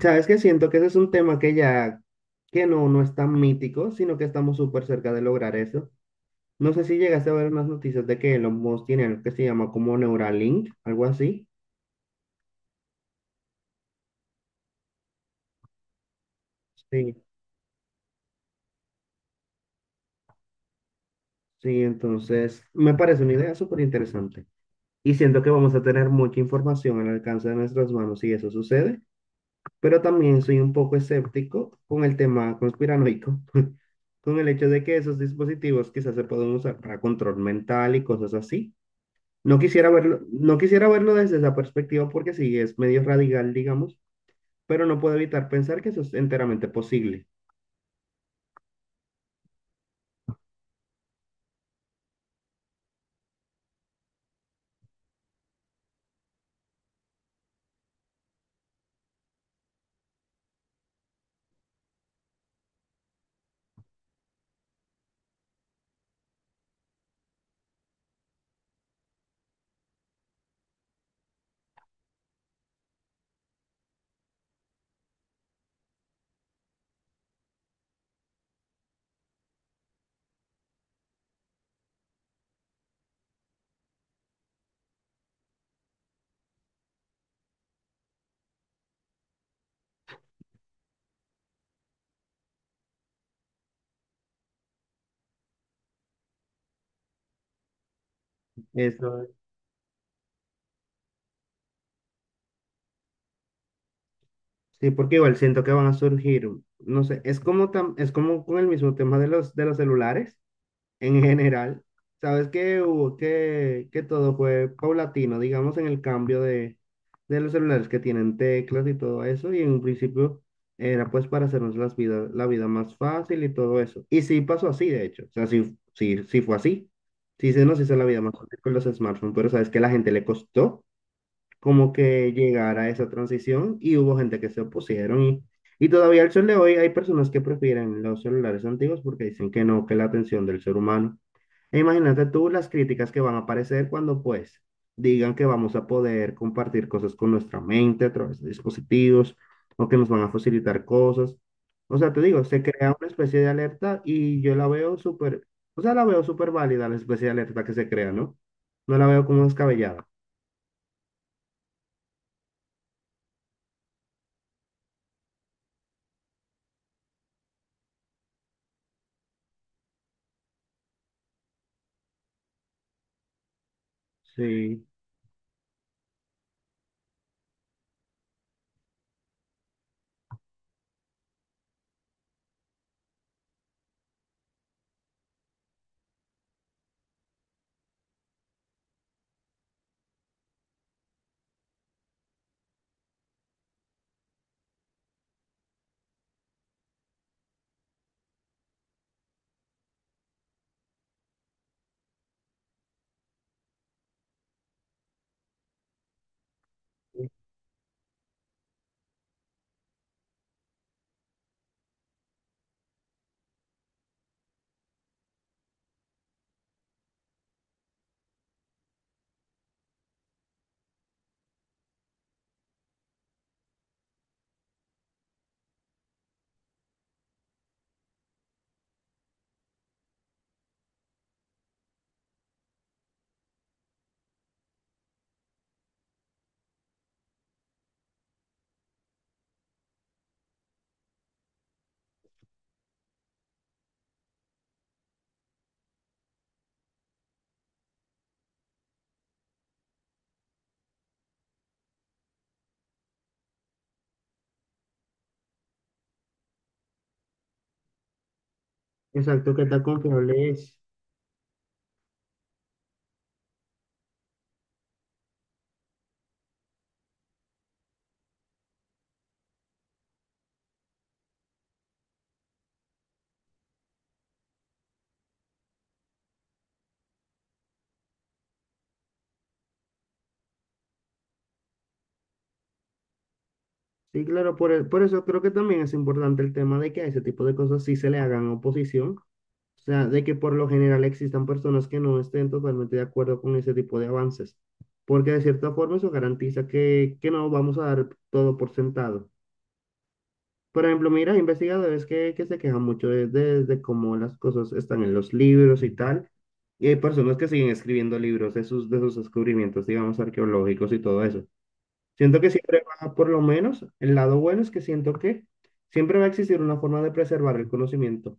Sabes que siento que ese es un tema que ya, que no es tan mítico, sino que estamos súper cerca de lograr eso. No sé si llegaste a ver unas noticias de que Elon Musk tiene algo que se llama como Neuralink, algo así. Sí, sí, entonces me parece una idea súper interesante. Y siento que vamos a tener mucha información al alcance de nuestras manos si eso sucede, pero también soy un poco escéptico con el tema conspiranoico, con el hecho de que esos dispositivos quizás se pueden usar para control mental y cosas así. No quisiera verlo, no quisiera verlo desde esa perspectiva porque sí es medio radical, digamos, pero no puedo evitar pensar que eso es enteramente posible. Eso es. Sí, porque igual siento que van a surgir, no sé, es como es como con el mismo tema de los celulares en general. Sabes que que todo fue paulatino, digamos, en el cambio de los celulares que tienen teclas y todo eso. Y en un principio era pues para hacernos la vida más fácil y todo eso. Y sí pasó así, de hecho. O sea, sí, fue así. Sí se nos hizo la vida más fácil con los smartphones, pero sabes que la gente le costó como que llegar a esa transición y hubo gente que se opusieron y todavía al sol de hoy hay personas que prefieren los celulares antiguos porque dicen que no, que la atención del ser humano e imagínate tú las críticas que van a aparecer cuando pues digan que vamos a poder compartir cosas con nuestra mente a través de dispositivos o que nos van a facilitar cosas. O sea, te digo, se crea una especie de alerta y yo la veo o sea, la veo súper válida la especie de alerta que se crea, ¿no? No la veo como descabellada. Sí, exacto, que tan confiable es. Sí, claro, por eso creo que también es importante el tema de que a ese tipo de cosas sí se le hagan oposición. O sea, de que por lo general existan personas que no estén totalmente de acuerdo con ese tipo de avances, porque de cierta forma eso garantiza que no vamos a dar todo por sentado. Por ejemplo, mira, hay investigadores que se quejan mucho de cómo las cosas están en los libros y tal, y hay personas que siguen escribiendo libros de de sus descubrimientos, digamos, arqueológicos y todo eso. Siento que siempre va, por lo menos, el lado bueno es que siento que siempre va a existir una forma de preservar el conocimiento.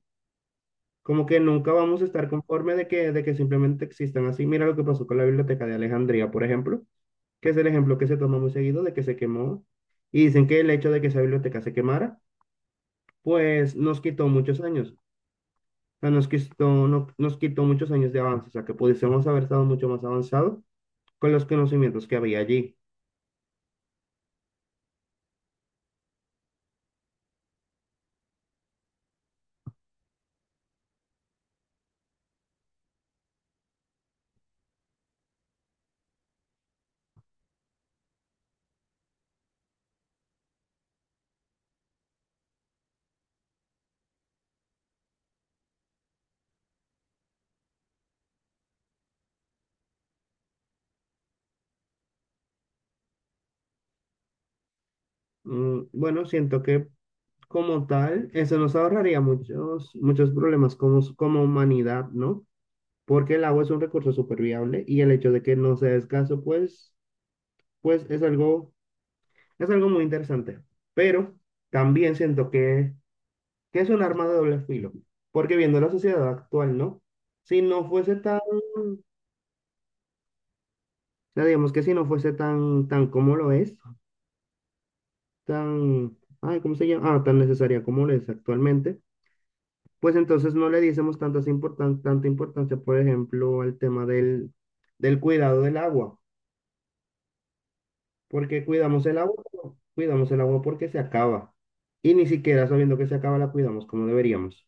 Como que nunca vamos a estar conforme de que simplemente existan así. Mira lo que pasó con la Biblioteca de Alejandría, por ejemplo, que es el ejemplo que se toma muy seguido de que se quemó. Y dicen que el hecho de que esa biblioteca se quemara, pues nos quitó muchos años. O sea, nos quitó, no- nos quitó muchos años de avance. O sea, que pudiésemos haber estado mucho más avanzados con los conocimientos que había allí. Mm, bueno, siento que como tal, eso nos ahorraría muchos problemas como, como humanidad, ¿no? Porque el agua es un recurso súper viable y el hecho de que no sea escaso, pues, pues es algo muy interesante. Pero también siento que es un arma de doble filo, porque viendo la sociedad actual, ¿no? Si no fuese tan, o sea, digamos que si no fuese tan como lo es, tan, ay, ¿cómo se llama? Ah, tan necesaria como lo es actualmente, pues entonces no le diésemos tanta importancia, por ejemplo, al tema del cuidado del agua. Porque cuidamos el agua, pero cuidamos el agua porque se acaba. Y ni siquiera sabiendo que se acaba la cuidamos como deberíamos.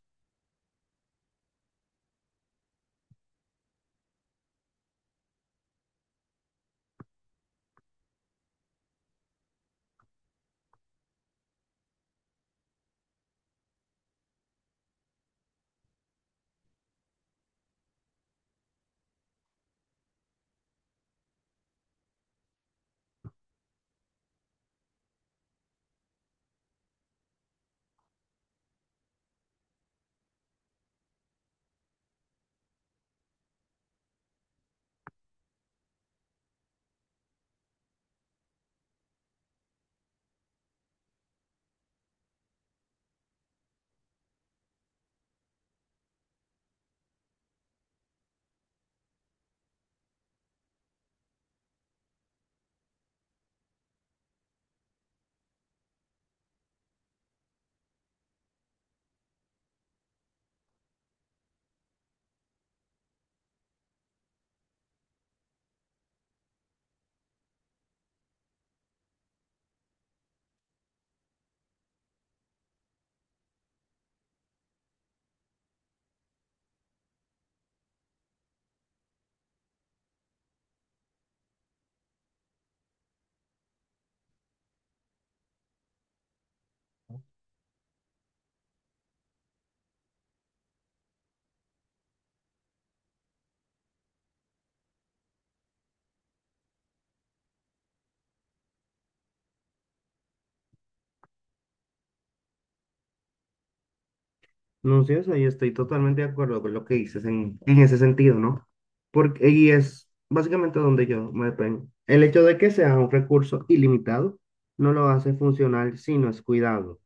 No sé, o sea, yo estoy totalmente de acuerdo con lo que dices en ese sentido, ¿no? Porque, y es básicamente donde yo me detengo. El hecho de que sea un recurso ilimitado no lo hace funcional si no es cuidado.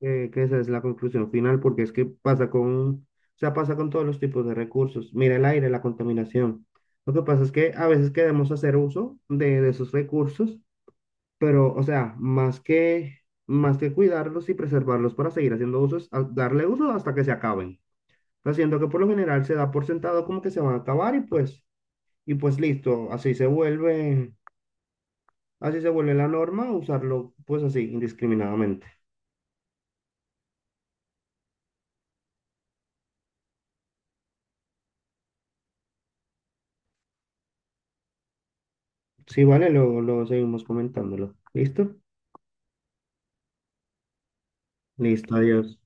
Que esa es la conclusión final, porque es que pasa con, o sea, pasa con todos los tipos de recursos. Mira el aire, la contaminación. Lo que pasa es que a veces queremos hacer uso de esos recursos. Pero, o sea, más que cuidarlos y preservarlos para seguir haciendo uso, darle uso hasta que se acaben. Pero siento que por lo general se da por sentado como que se van a acabar y pues listo, así se vuelve la norma, usarlo pues así, indiscriminadamente. Sí, vale, luego seguimos comentándolo. ¿Listo? Listo, adiós.